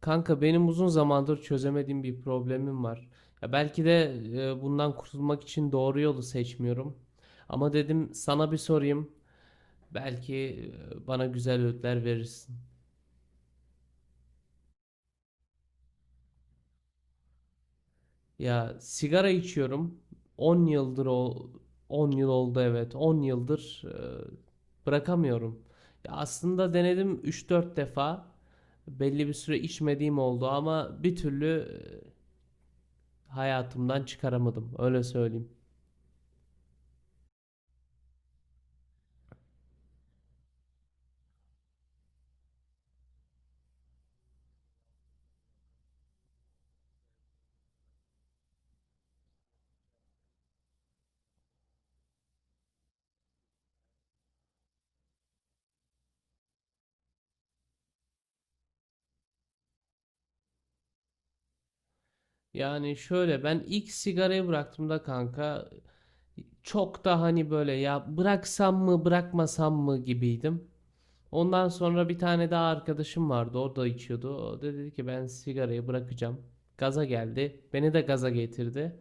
Kanka benim uzun zamandır çözemediğim bir problemim var. Ya belki de bundan kurtulmak için doğru yolu seçmiyorum. Ama dedim sana bir sorayım. Belki bana güzel öğütler verirsin. Ya sigara içiyorum. 10 yıldır o 10 yıl oldu, evet. 10 yıldır bırakamıyorum. Ya aslında denedim 3-4 defa. Belli bir süre içmediğim oldu ama bir türlü hayatımdan çıkaramadım. Öyle söyleyeyim. Yani şöyle, ben ilk sigarayı bıraktığımda kanka çok da hani böyle ya bıraksam mı bırakmasam mı gibiydim. Ondan sonra bir tane daha arkadaşım vardı, o da içiyordu. O da dedi ki ben sigarayı bırakacağım. Gaza geldi. Beni de gaza getirdi.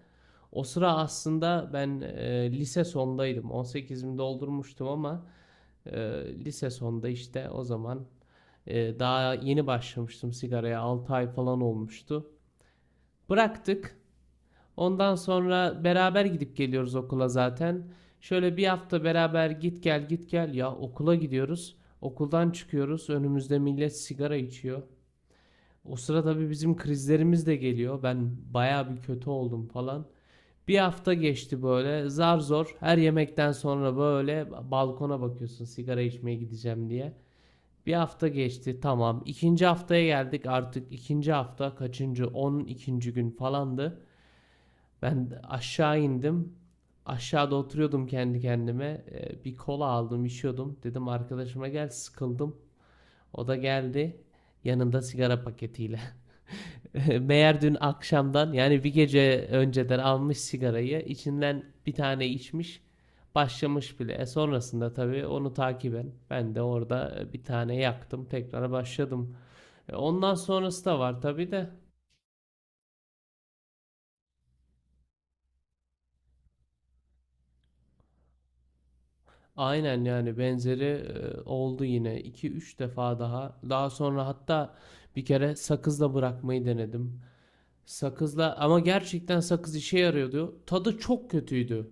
O sıra aslında ben lise sondaydım. 18'imi doldurmuştum ama e, lise sonda işte o zaman daha yeni başlamıştım sigaraya. 6 ay falan olmuştu. Bıraktık. Ondan sonra beraber gidip geliyoruz okula zaten. Şöyle bir hafta beraber git gel git gel, ya okula gidiyoruz. Okuldan çıkıyoruz. Önümüzde millet sigara içiyor. O sıra tabii bizim krizlerimiz de geliyor. Ben bayağı bir kötü oldum falan. Bir hafta geçti böyle zar zor, her yemekten sonra böyle balkona bakıyorsun sigara içmeye gideceğim diye. Bir hafta geçti, tamam. İkinci haftaya geldik, artık ikinci hafta kaçıncı, on ikinci gün falandı. Ben aşağı indim. Aşağıda oturuyordum kendi kendime. Bir kola aldım, içiyordum. Dedim arkadaşıma gel, sıkıldım. O da geldi. Yanında sigara paketiyle. Meğer dün akşamdan, yani bir gece önceden almış sigarayı. İçinden bir tane içmiş. Başlamış bile. E sonrasında tabii onu takiben ben de orada bir tane yaktım. Tekrar başladım. E ondan sonrası da var tabii de. Aynen, yani benzeri oldu yine iki üç defa daha. Daha sonra hatta bir kere sakızla bırakmayı denedim. Sakızla, ama gerçekten sakız işe yarıyordu. Tadı çok kötüydü.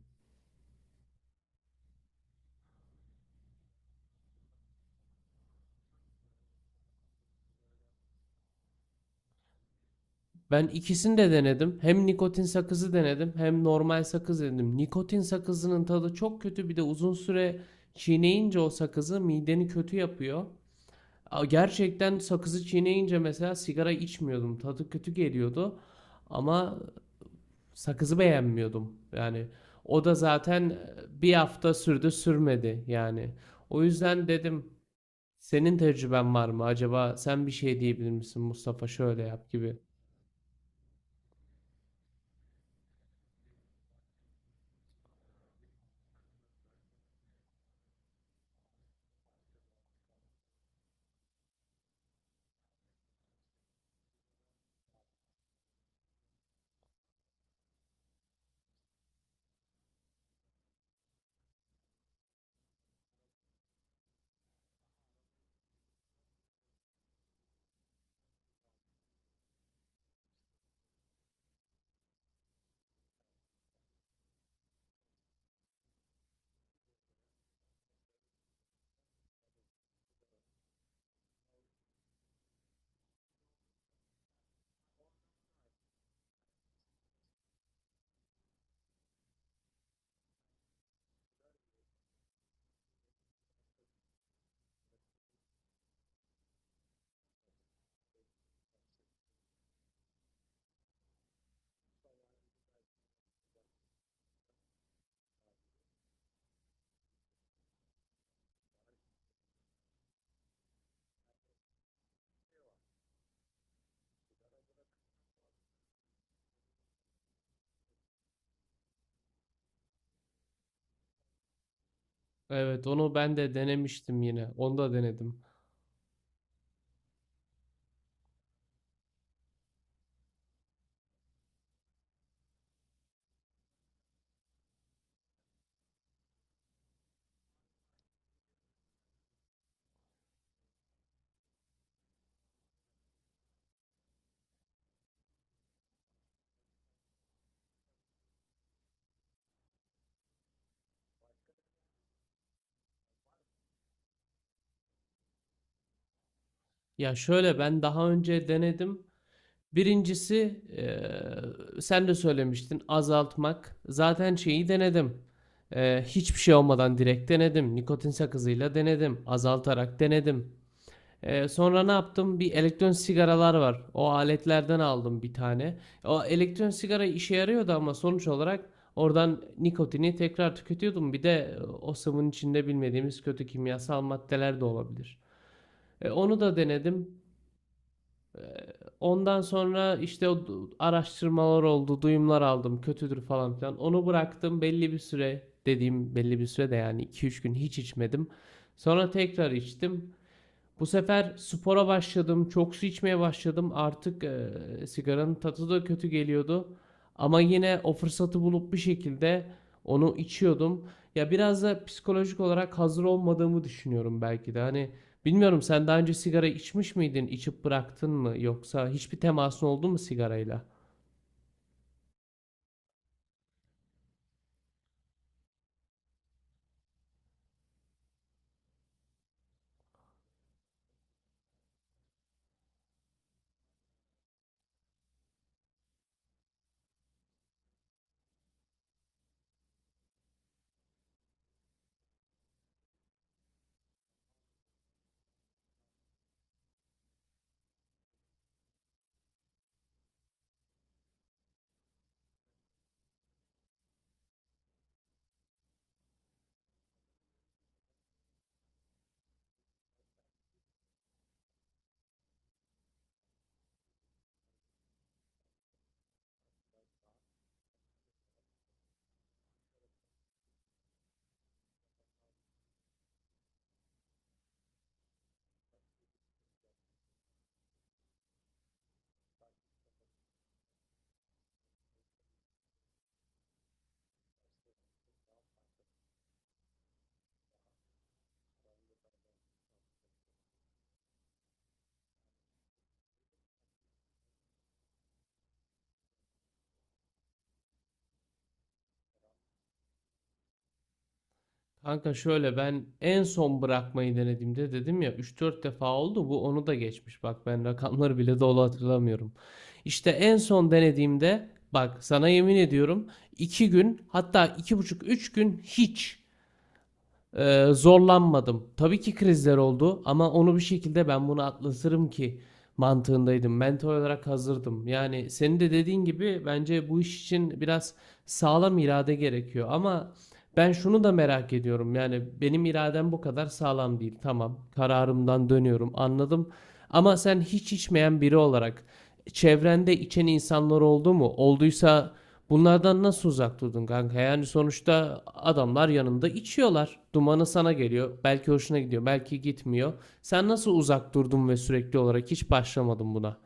Ben ikisini de denedim. Hem nikotin sakızı denedim hem normal sakız denedim. Nikotin sakızının tadı çok kötü. Bir de uzun süre çiğneyince o sakızı mideni kötü yapıyor. Gerçekten sakızı çiğneyince mesela sigara içmiyordum. Tadı kötü geliyordu. Ama sakızı beğenmiyordum. Yani o da zaten bir hafta sürdü sürmedi yani. O yüzden dedim, senin tecrüben var mı acaba, sen bir şey diyebilir misin Mustafa, şöyle yap gibi. Evet, onu ben de denemiştim, yine onu da denedim. Ya şöyle, ben daha önce denedim. Birincisi sen de söylemiştin azaltmak. Zaten şeyi denedim. Hiçbir şey olmadan direkt denedim. Nikotin sakızıyla denedim. Azaltarak denedim. Sonra ne yaptım? Bir elektron sigaralar var. O aletlerden aldım bir tane. O elektron sigara işe yarıyordu ama sonuç olarak oradan nikotini tekrar tüketiyordum. Bir de o sıvının içinde bilmediğimiz kötü kimyasal maddeler de olabilir. Onu da denedim. Ondan sonra işte araştırmalar oldu, duyumlar aldım, kötüdür falan filan. Onu bıraktım belli bir süre, dediğim belli bir süre de yani iki üç gün hiç içmedim. Sonra tekrar içtim. Bu sefer spora başladım, çok su içmeye başladım. Artık sigaranın tadı da kötü geliyordu. Ama yine o fırsatı bulup bir şekilde onu içiyordum. Ya biraz da psikolojik olarak hazır olmadığımı düşünüyorum belki de. Hani bilmiyorum, sen daha önce sigara içmiş miydin, içip bıraktın mı, yoksa hiçbir temasın oldu mu sigarayla? Kanka şöyle, ben en son bırakmayı denediğimde dedim ya üç dört defa oldu, bu onu da geçmiş. Bak, ben rakamları bile dolu hatırlamıyorum. İşte en son denediğimde, bak sana yemin ediyorum, 2 gün, hatta iki buçuk üç gün hiç. Zorlanmadım. Tabii ki krizler oldu ama onu bir şekilde ben bunu atlatırım ki mantığındaydım. Mentor olarak hazırdım. Yani senin de dediğin gibi bence bu iş için biraz sağlam irade gerekiyor. Ama ben şunu da merak ediyorum. Yani benim iradem bu kadar sağlam değil. Tamam, kararımdan dönüyorum. Anladım. Ama sen hiç içmeyen biri olarak çevrende içen insanlar oldu mu? Olduysa bunlardan nasıl uzak durdun kanka? Yani sonuçta adamlar yanında içiyorlar. Dumanı sana geliyor. Belki hoşuna gidiyor, belki gitmiyor. Sen nasıl uzak durdun ve sürekli olarak hiç başlamadın buna?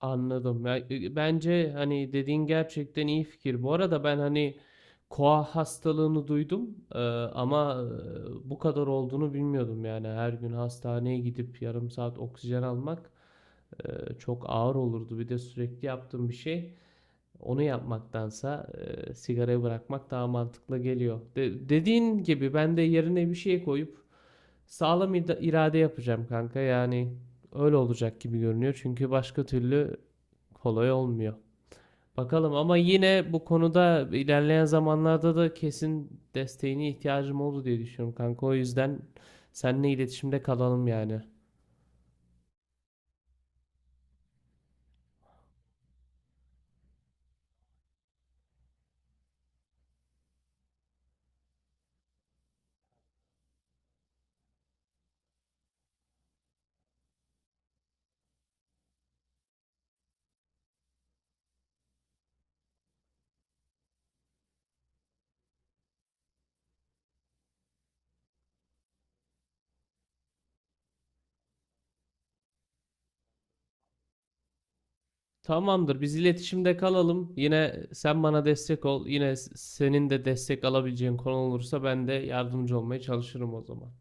Anladım. Ya, bence hani dediğin gerçekten iyi fikir. Bu arada ben hani koa hastalığını duydum, ama bu kadar olduğunu bilmiyordum yani. Her gün hastaneye gidip yarım saat oksijen almak çok ağır olurdu. Bir de sürekli yaptığım bir şey. Onu yapmaktansa sigarayı bırakmak daha mantıklı geliyor. Dediğin gibi ben de yerine bir şey koyup sağlam irade yapacağım kanka. Yani öyle olacak gibi görünüyor. Çünkü başka türlü kolay olmuyor. Bakalım, ama yine bu konuda ilerleyen zamanlarda da kesin desteğine ihtiyacım oldu diye düşünüyorum kanka. O yüzden seninle iletişimde kalalım yani. Tamamdır. Biz iletişimde kalalım. Yine sen bana destek ol. Yine senin de destek alabileceğin konu olursa ben de yardımcı olmaya çalışırım o zaman.